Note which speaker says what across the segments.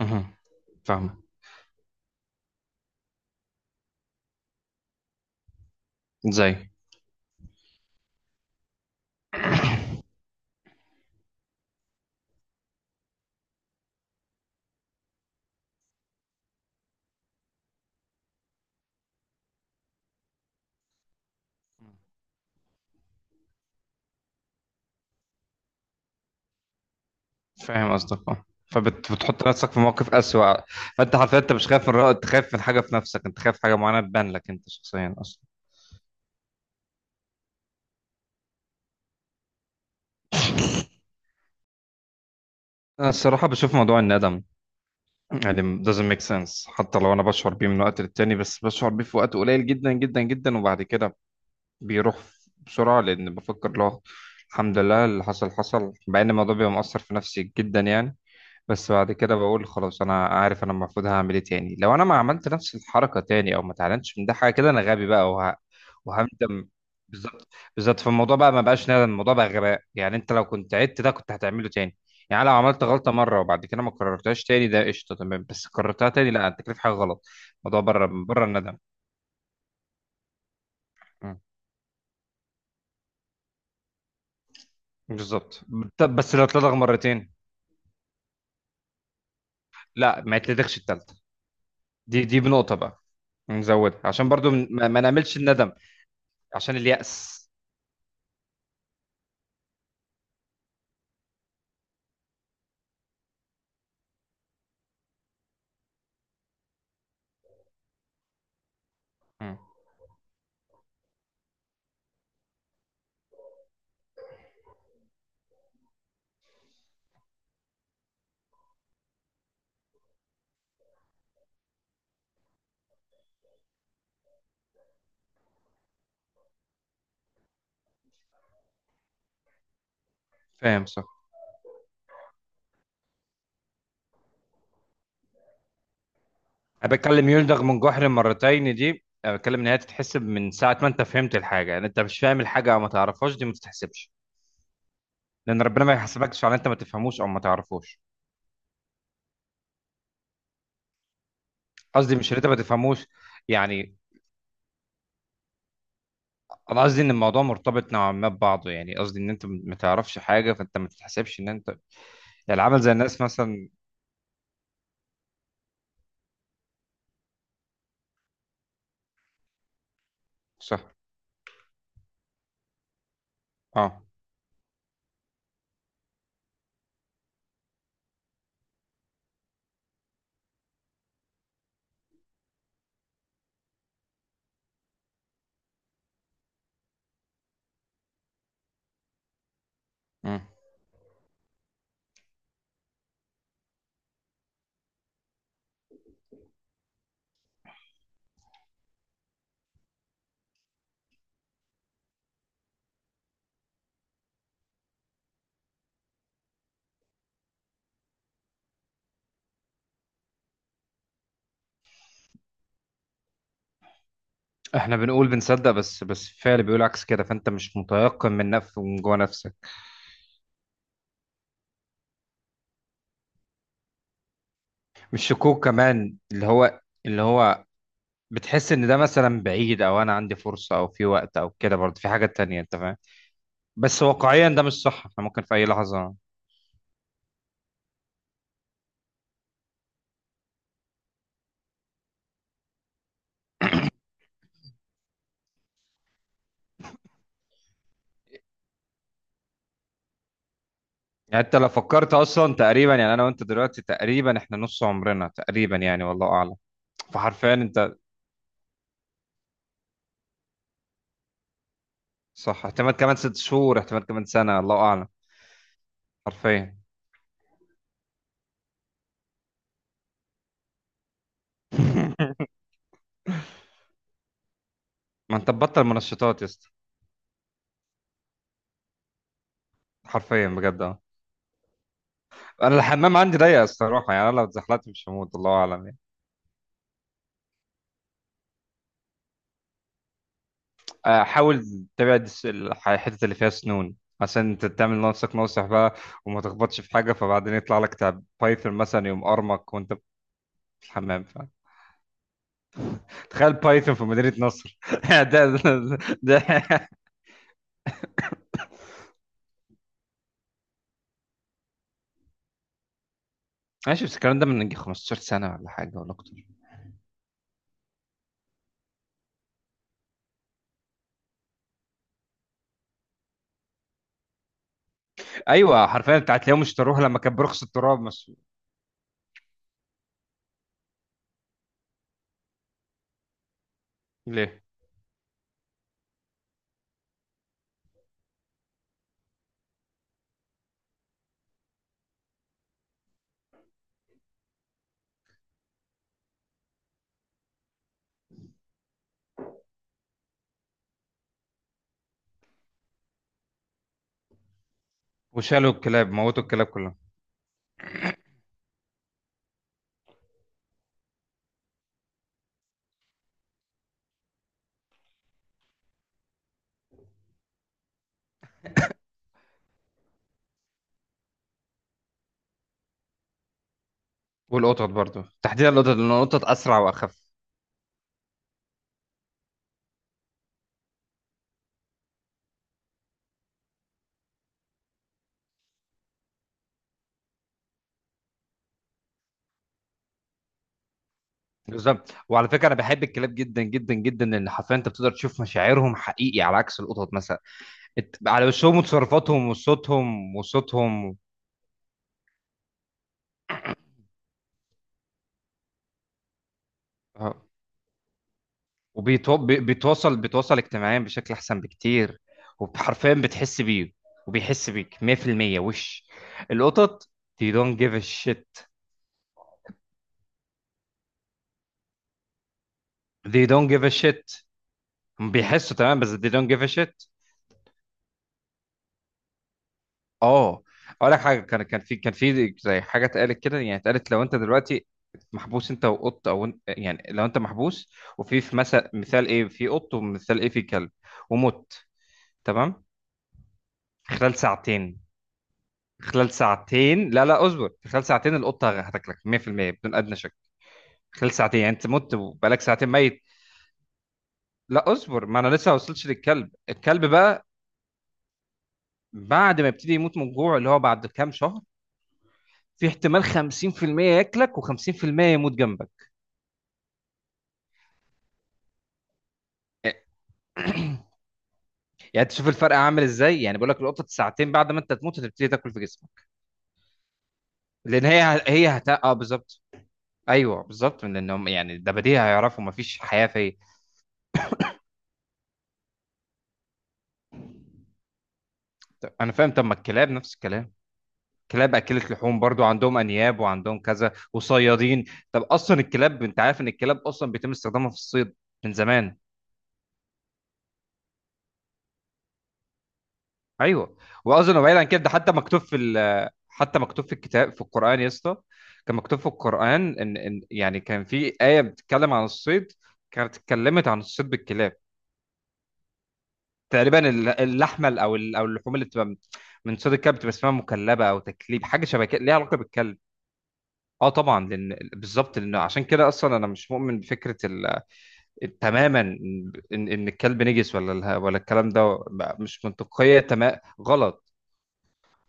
Speaker 1: اها، فاهمة. ازاي؟ فاهم قصدك، اه. فبتحط نفسك في موقف أسوأ. فأنت حرفيا أنت مش خايف من رأي، أنت خايف من حاجة في نفسك، أنت خايف حاجة معينة تبان لك أنت شخصيا أصلا. أنا الصراحة بشوف موضوع الندم يعني doesn't make sense. حتى لو أنا بشعر بيه من وقت للتاني بس بشعر بيه في وقت قليل جدا جدا جدا، وبعد كده بيروح بسرعة لأن بفكر له الحمد لله اللي حصل حصل، مع إن الموضوع بيبقى مؤثر في نفسي جدا يعني. بس بعد كده بقول خلاص انا عارف انا المفروض هعمل ايه تاني. لو انا ما عملت نفس الحركه تاني او ما اتعلمتش من ده حاجه كده انا غبي بقى وهندم. بالظبط، بالظبط. فالموضوع بقى ما بقاش ندم، الموضوع بقى غباء. يعني انت لو كنت عدت ده كنت هتعمله تاني. يعني لو عملت غلطه مره وبعد كده ما كررتهاش تاني ده قشطه تمام، بس كررتها تاني لا انت كده في حاجه غلط. الموضوع بره بره الندم. مم. بالظبط. طب بس لو اتلدغ مرتين؟ لا، ما يتلدغش التالتة. دي بنقطه بقى، نزودها عشان برضو ما نعملش الندم عشان اليأس. مم. فاهم، صح. انا بتكلم يلدغ من جحر مرتين دي، انا بتكلم ان هي تتحسب من ساعه ما انت فهمت الحاجه. يعني انت مش فاهم الحاجه او ما تعرفهاش دي ما تتحسبش، لان ربنا ما يحاسبكش على انت ما تفهموش او ما تعرفوش. قصدي مش إن انت ما تفهموش يعني. انا قصدي ان الموضوع مرتبط نوعا ما ببعضه، يعني قصدي ان انت ما تعرفش حاجه فانت ما تتحسبش ان انت يعني عامل زي الناس مثلا. صح. اه. مم. احنا بنقول بنصدق بس فعل بيقول عكس كده، فانت مش متيقن من نفسك من جوه نفسك. مش شكوك كمان، اللي هو اللي هو بتحس ان ده مثلا بعيد او انا عندي فرصه او في وقت او كده، برضه في حاجه تانية انت فاهم. بس واقعيا ده مش صح، احنا ممكن في اي لحظه. يعني انت لو فكرت اصلا تقريبا، يعني انا وانت دلوقتي تقريبا احنا نص عمرنا تقريبا يعني، والله اعلم. فحرفيا انت صح. احتمال كمان ست شهور، احتمال كمان سنه، الله اعلم. حرفيا. ما انت تبطل منشطات يا اسطى. حرفيا بجد، اه. انا الحمام عندي ضيق الصراحه، يعني انا لو اتزحلقت مش هموت، الله اعلم يعني. آه، حاول تبعد الحتت اللي فيها سنون، عشان انت تعمل لنفسك ناصح بقى وما تخبطش في حاجه فبعدين يطلع لك تعب بايثون مثلا يقوم ارمك وانت في الحمام تخيل بايثون في مدينه نصر! ده ده, ده. ماشي بس الكلام ده من يجي 15 سنه ولا حاجه ولا اكتر. ايوه، حرفيا انت هتلاقيهم اشتروها لما كان برخص التراب بس. ليه؟ وشالوا الكلاب، موتوا الكلاب كلها. والقطط برضو، تحديدا القطط، لان القطط اسرع واخف. بالظبط. وعلى فكره انا بحب الكلاب جدا جدا جدا، لان حرفيا انت بتقدر تشوف مشاعرهم حقيقي على عكس القطط مثلا. على وشهم وتصرفاتهم وصوتهم وصوتهم. آه. بيتواصل بيتواصل اجتماعيا بشكل احسن بكتير، وحرفيا بتحس بيه وبيحس بيك 100% وش. القطط they don't give a shit. they don't give a shit، هم بيحسوا تمام بس they don't give a shit. اه. اقول لك حاجه، كان في زي حاجه اتقالت كده. يعني اتقالت لو انت دلوقتي محبوس انت وقط، او انت يعني لو انت محبوس وفي مثال ايه في قط ومثال ايه في كلب ومت. تمام. في خلال ساعتين. خلال ساعتين، لا اصبر. في خلال ساعتين القطه هتاكلك 100% بدون ادنى شك. خلال ساعتين يعني انت مت وبقالك ساعتين ميت. لا اصبر، ما انا لسه ما وصلتش للكلب. الكلب بقى بعد ما يبتدي يموت من الجوع اللي هو بعد كام شهر، في احتمال 50% ياكلك و50% يموت جنبك. يعني تشوف الفرق عامل ازاي. يعني بقول لك القطط ساعتين بعد ما انت تموت هتبتدي تاكل في جسمك، لان اه، بالظبط. ايوه بالظبط، لان هم يعني ده بديهي هيعرفوا مفيش حياه فيا. طب انا فاهم، طب ما الكلاب نفس الكلام؟ الكلاب اكلت لحوم برضو، عندهم انياب وعندهم كذا وصيادين. طب اصلا الكلاب انت عارف ان الكلاب اصلا بيتم استخدامها في الصيد من زمان. ايوه. واظن بعيد عن كده ده حتى مكتوب في حتى مكتوب في الكتاب، في القران يا اسطى. كان مكتوب في القران ان يعني كان في ايه بتتكلم عن الصيد، كانت اتكلمت عن الصيد بالكلاب. تقريبا اللحمه ال- او ال- او اللحوم اللي بتبقى من من صيد الكلب بتبقى اسمها مكلبه او تكليب، حاجه شبه كده ليها علاقه بالكلب. اه طبعا، لان بالظبط لان عشان كده اصلا انا مش مؤمن بفكره تماما ان الكلب نجس ولا الكلام ده، مش منطقيه تمام، غلط.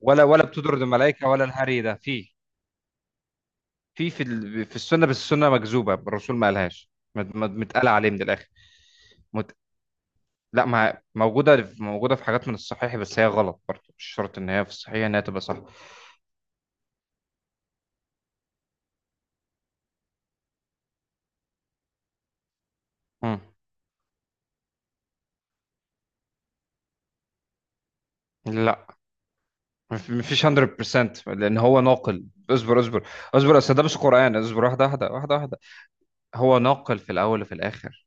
Speaker 1: ولا بتدرج الملائكه ولا الهري ده. في في السنه، بس السنه مكذوبه، الرسول ما قالهاش، متقال عليه من الاخر. مت... لا ما موجوده، موجوده في حاجات من الصحيح بس هي غلط برضه، مش شرط ان هي في الصحيح انها تبقى صح. مم. لا، مفيش 100%، لان هو ناقل. اصبر اصبر اصبر، اصل ده مش قران. اصبر، واحده واحده واحده واحده. هو ناقل في الاول وفي الاخر.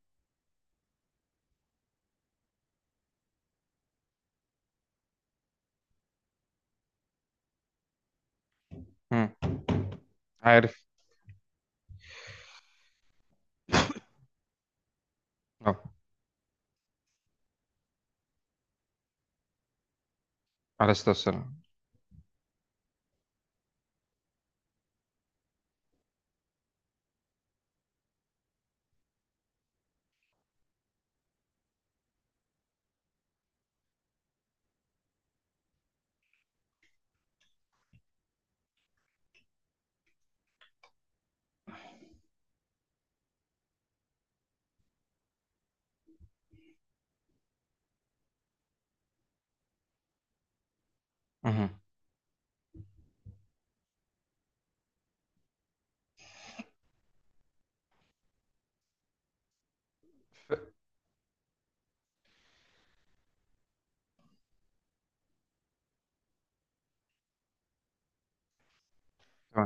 Speaker 1: مم. عارف. اه. عليه الصلاه والسلام. مهم.